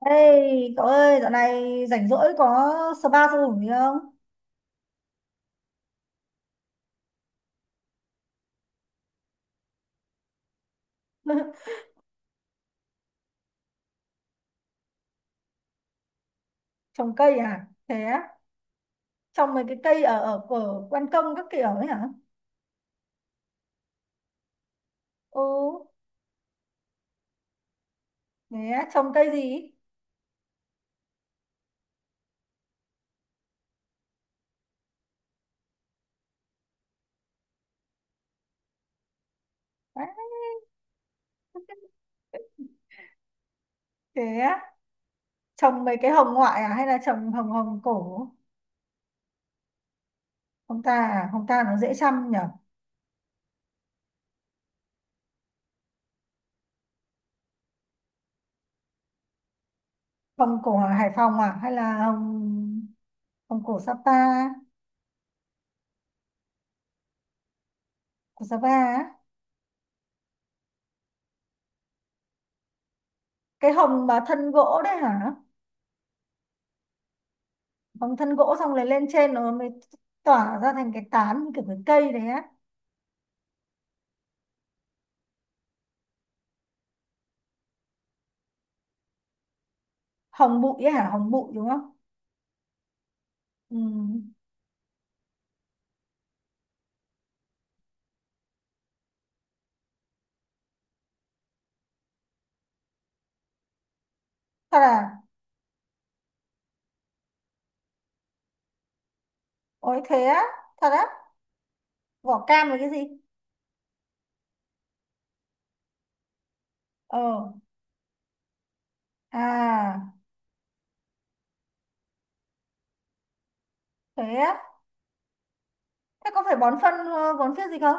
Ê, cậu ơi, dạo này rảnh rỗi có spa sao hủng gì không? Trồng cây à? Thế á? Trồng mấy cái cây ở ở ở ban công các kiểu ấy hả? Ừ, thế á, trồng cây gì? Đấy, thế á, trồng mấy cái hồng ngoại à hay là trồng hồng hồng cổ? Hồng ta à? Hồng ta nó dễ chăm nhở? Hồng cổ ở Hải Phòng à hay là hồng hồng cổ Sapa, của Sapa á? Cái hồng mà thân gỗ đấy hả? Bằng thân gỗ xong rồi lên trên nó mới tỏa ra thành cái tán như kiểu cái cây đấy á. Hồng bụi ấy hả, hồng bụi đúng không? Ừ. Thật à? Ôi thế á, thật á? Vỏ cam là cái gì? Ờ, à, thế á, thế có phải bón phân bón phết gì không?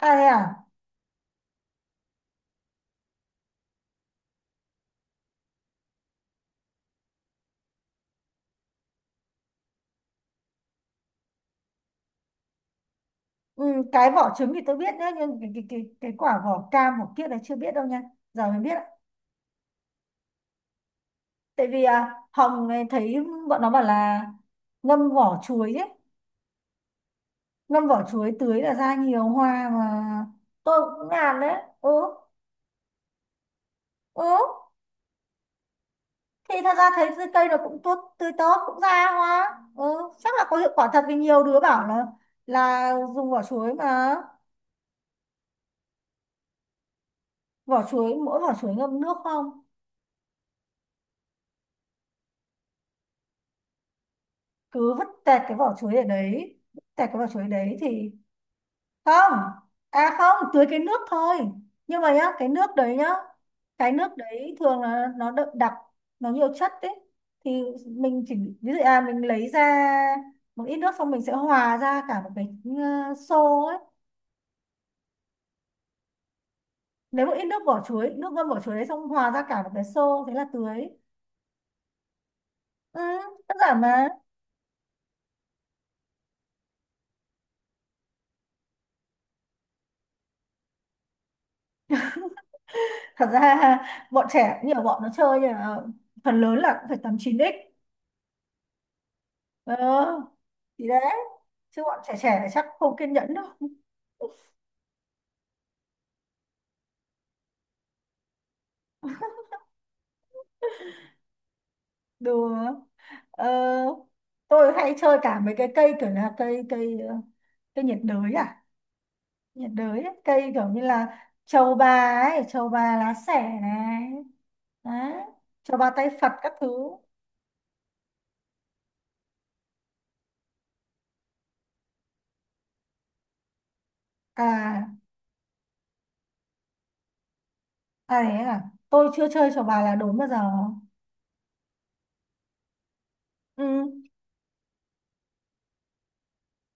À thế à. Ừ, cái vỏ trứng thì tôi biết nhá, nhưng cái quả vỏ cam vỏ kia là chưa biết đâu nha, giờ mới biết ạ. Tại vì Hồng ấy thấy bọn nó bảo là ngâm vỏ chuối ấy, ngâm vỏ chuối tưới là ra nhiều hoa mà, tôi cũng làm đấy. Ừ, ừ, thì thật ra thấy cái cây nó cũng tốt, tươi tốt cũng ra hoa. Ừ, chắc là có hiệu quả thật vì nhiều đứa bảo là dùng vỏ chuối mà. Vỏ chuối, mỗi vỏ chuối ngâm nước không. Cứ vứt tẹt cái vỏ chuối ở đấy, vứt tẹt cái vỏ chuối đấy thì không. À không, tưới cái nước thôi, nhưng mà nhá, cái nước đấy nhá, cái nước đấy thường là nó đậm đặc, nó nhiều chất đấy. Thì mình chỉ ví dụ à, mình lấy ra một ít nước xong mình sẽ hòa ra cả một cái xô ấy. Nếu một ít nước vỏ chuối, nước ngâm vỏ chuối đấy xong hòa ra cả một cái xô thế là tưới. Ừ, đơn giản mà. Thật ra bọn trẻ nhiều bọn nó chơi là phần lớn là cũng phải tầm chín x. Ờ thì đấy, chứ bọn trẻ trẻ chắc không kiên nhẫn đâu. Đùa. Ờ, tôi hay chơi cả mấy cái cây kiểu là cây cây ờ, cây nhiệt đới à, nhiệt đới ấy. Cây kiểu như là trầu bà ấy, trầu bà lá xẻ này, đấy, trầu bà tay Phật các thứ. À à, đấy à, tôi chưa chơi trầu bà là đúng bao giờ. Ừ,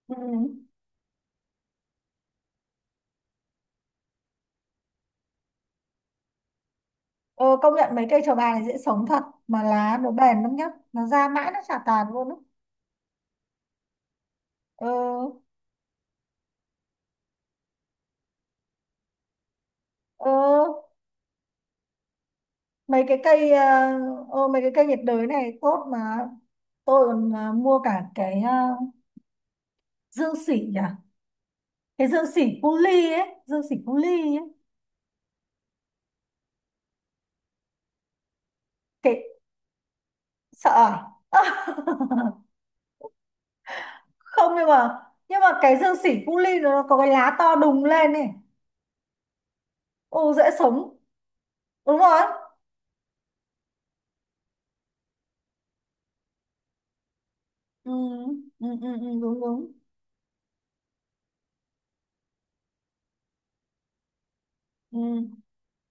ừ. Ờ, công nhận mấy cây trầu bà này dễ sống thật mà lá nó bền lắm nhá, nó ra mãi nó chả tàn luôn á. Ờ, ờ, mấy cái cây nhiệt đới này tốt mà. Tôi còn mua cả cái dương xỉ à, cái dương xỉ cu ly ấy, dương xỉ cu ly ấy. Cái sợ à? Không, nhưng mà cái dương xỉ cu ly nó có cái lá to đùng lên này. Ô dễ sống. Đúng rồi, ừ, ừ, ừ, ừ, đúng đúng. Ừ.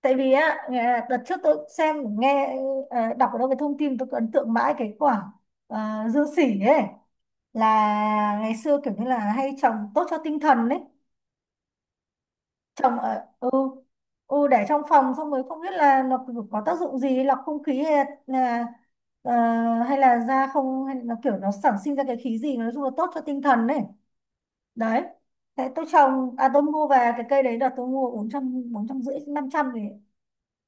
Tại vì á, đợt trước tôi xem nghe đọc ở đâu cái thông tin tôi cứ ấn tượng mãi cái quả ờ, dương xỉ ấy, là ngày xưa kiểu như là hay trồng tốt cho tinh thần đấy. Trồng ở, để trong phòng, xong rồi không biết là nó có tác dụng gì lọc không khí hay là ờ, ra không, hay là kiểu nó sản sinh ra cái khí gì, nói chung là tốt cho tinh thần đấy. Đấy, thế tôi trồng, à tôi mua về cái cây đấy là tôi mua 400, 450, 500 thì,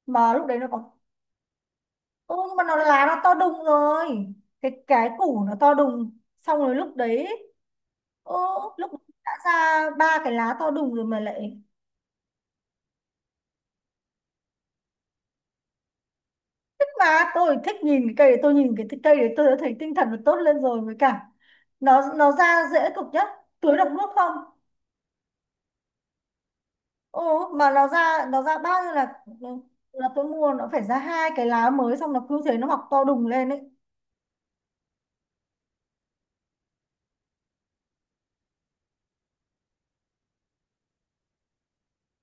mà lúc đấy nó có. Ừ, nhưng mà nó lá nó to đùng rồi, cái củ nó to đùng. Xong rồi lúc đấy. Ô, lúc đã ra ba cái lá to đùng rồi mà lại thích, mà tôi thích nhìn cái cây đấy, tôi nhìn cái cây đấy tôi đã thấy tinh thần nó tốt lên rồi, với cả nó ra dễ cực nhá, tưới được nước không. Ồ, mà nó ra bao nhiêu là. Ừ, là tôi mua nó phải ra hai cái lá mới, xong nó cứ thế nó mọc to đùng lên ấy.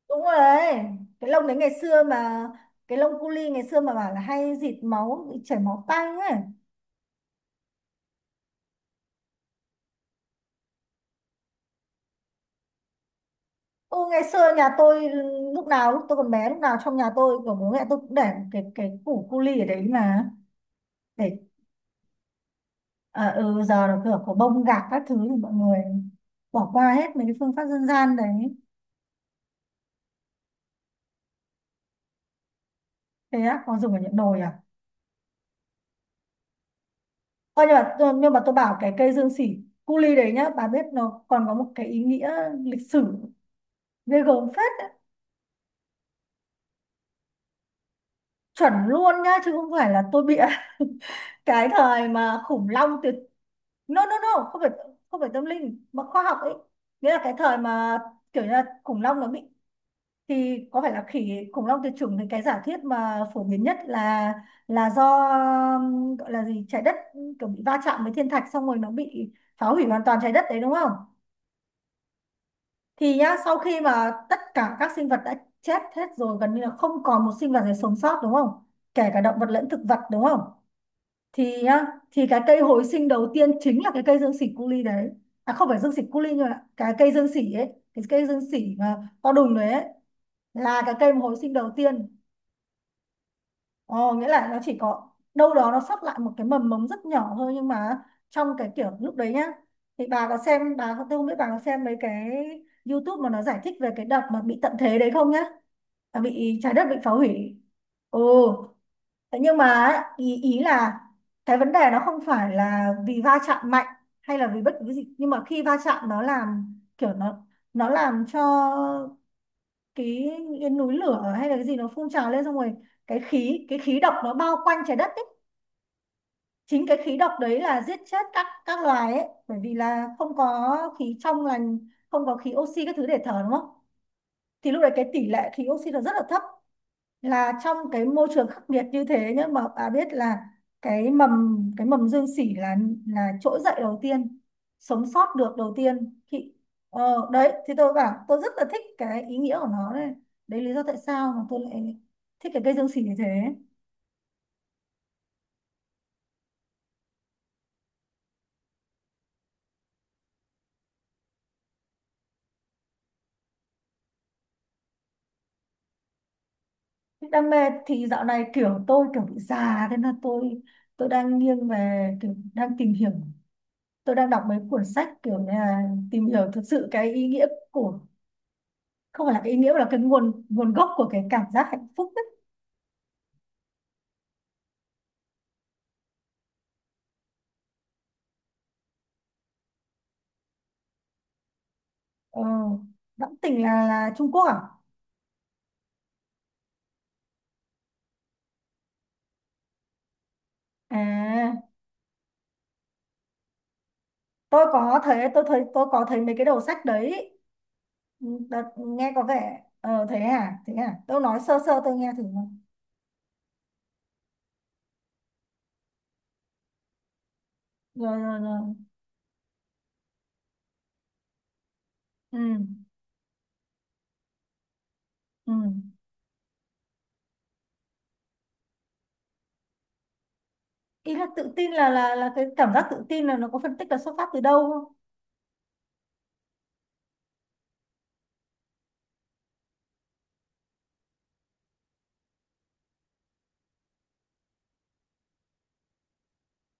Đúng rồi đấy, cái lông đấy ngày xưa mà, cái lông cu li ngày xưa mà bảo là hay dịt máu, bị chảy máu tanh ấy. Ừ, ngày xưa nhà tôi, lúc nào, lúc tôi còn bé lúc nào trong nhà tôi của bố mẹ tôi cũng để cái củ cu li ở đấy mà để. À, ừ, giờ là cửa có bông gạc các thứ thì mọi người bỏ qua hết mấy cái phương pháp dân gian đấy. Thế á, có dùng ở những đồi à? Ơ nhưng mà tôi bảo cái cây dương xỉ cu li đấy nhá, bà biết nó còn có một cái ý nghĩa lịch sử ghê gớm phết. Chuẩn luôn nhá, chứ không phải là tôi bịa. Cái thời mà khủng long tuyệt. No no no, không phải, không phải tâm linh mà khoa học ấy. Nghĩa là cái thời mà kiểu như là khủng long nó bị, thì có phải là khỉ khủng long tuyệt chủng thì cái giả thuyết mà phổ biến nhất là do, gọi là gì, trái đất kiểu bị va chạm với thiên thạch, xong rồi nó bị phá hủy hoàn toàn trái đất đấy đúng không. Thì nhá, sau khi mà tất cả các sinh vật đã chết hết rồi, gần như là không còn một sinh vật nào sống sót đúng không, kể cả động vật lẫn thực vật đúng không. Thì á thì cái cây hồi sinh đầu tiên chính là cái cây dương xỉ cu li đấy. À không phải dương xỉ cu li, nhưng mà cái cây dương xỉ ấy, cái cây dương xỉ mà to đùng đấy ấy, là cái cây mà hồi sinh đầu tiên. Ồ, nghĩa là nó chỉ có đâu đó nó sót lại một cái mầm mống rất nhỏ thôi, nhưng mà trong cái kiểu lúc đấy nhá, thì bà có xem, bà tôi không biết bà có xem mấy cái YouTube mà nó giải thích về cái đợt mà bị tận thế đấy không nhá, à, bị trái đất bị phá hủy. Ừ. Thế nhưng mà ấy, ý ý là cái vấn đề nó không phải là vì va chạm mạnh hay là vì bất cứ cái gì, nhưng mà khi va chạm nó làm kiểu nó làm cho cái, cái núi lửa hay là cái gì nó phun trào lên xong rồi cái khí độc nó bao quanh trái đất ấy, chính cái khí độc đấy là giết chết các loài ấy, bởi vì là không có khí trong lành, không có khí oxy các thứ để thở đúng không. Thì lúc đấy cái tỷ lệ khí oxy nó rất là thấp, là trong cái môi trường khắc nghiệt như thế nhá mà bà biết là cái mầm dương sỉ là trỗi dậy đầu tiên, sống sót được đầu tiên thì. Ờ, đấy thì tôi bảo tôi rất là thích cái ý nghĩa của nó đấy, đấy lý do tại sao mà tôi lại thích cái cây dương sỉ như thế. Đam mê thì dạo này kiểu tôi kiểu bị già, thế nên tôi đang nghiêng về kiểu đang tìm hiểu. Tôi đang đọc mấy cuốn sách kiểu như là tìm hiểu thực sự cái ý nghĩa của, không phải là cái ý nghĩa mà là cái nguồn nguồn gốc của cái cảm giác hạnh phúc ấy. Ờ, Đẫm Tình là Trung Quốc à? À, tôi có thấy, tôi có thấy mấy cái đầu sách đấy. Ừ, Đợt, nghe có vẻ, thế à, thế à. Tôi nói sơ sơ tôi nghe thử nào. Rồi rồi rồi. Ừ. Ừ. Ý là tự tin là cái cảm giác tự tin là nó có phân tích là xuất phát từ đâu không?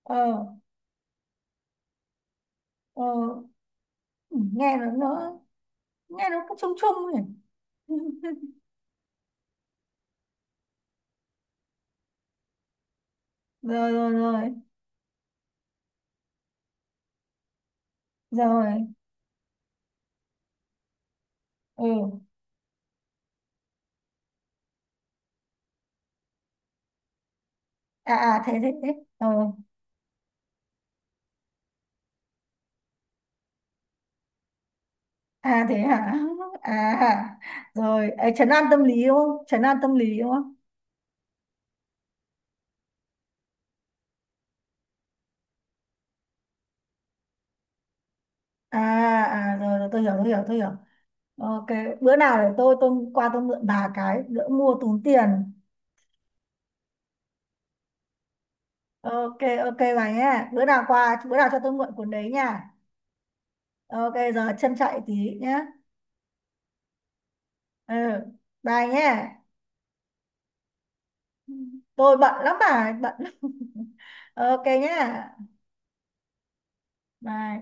Ờ ờ, ừ, nghe nó nghe nó cũng chung chung nhỉ. Rồi rồi rồi rồi. Ừ. À à, thế thế thế. Ờ. À thế hả. À rồi ấy, trấn an tâm lý đúng không trấn an tâm lý đúng không à à rồi, rồi tôi hiểu, tôi hiểu tôi hiểu. Ok, bữa nào để tôi qua tôi mượn bà cái đỡ mua tốn tiền. Ok. Ok bà nhé, bữa nào qua, bữa nào cho tôi mượn cuốn đấy nha. Ok, giờ chân chạy tí nhé. Ừ, bye nhé. Tôi bận lắm, bà bận lắm. Ok nhé. Bye.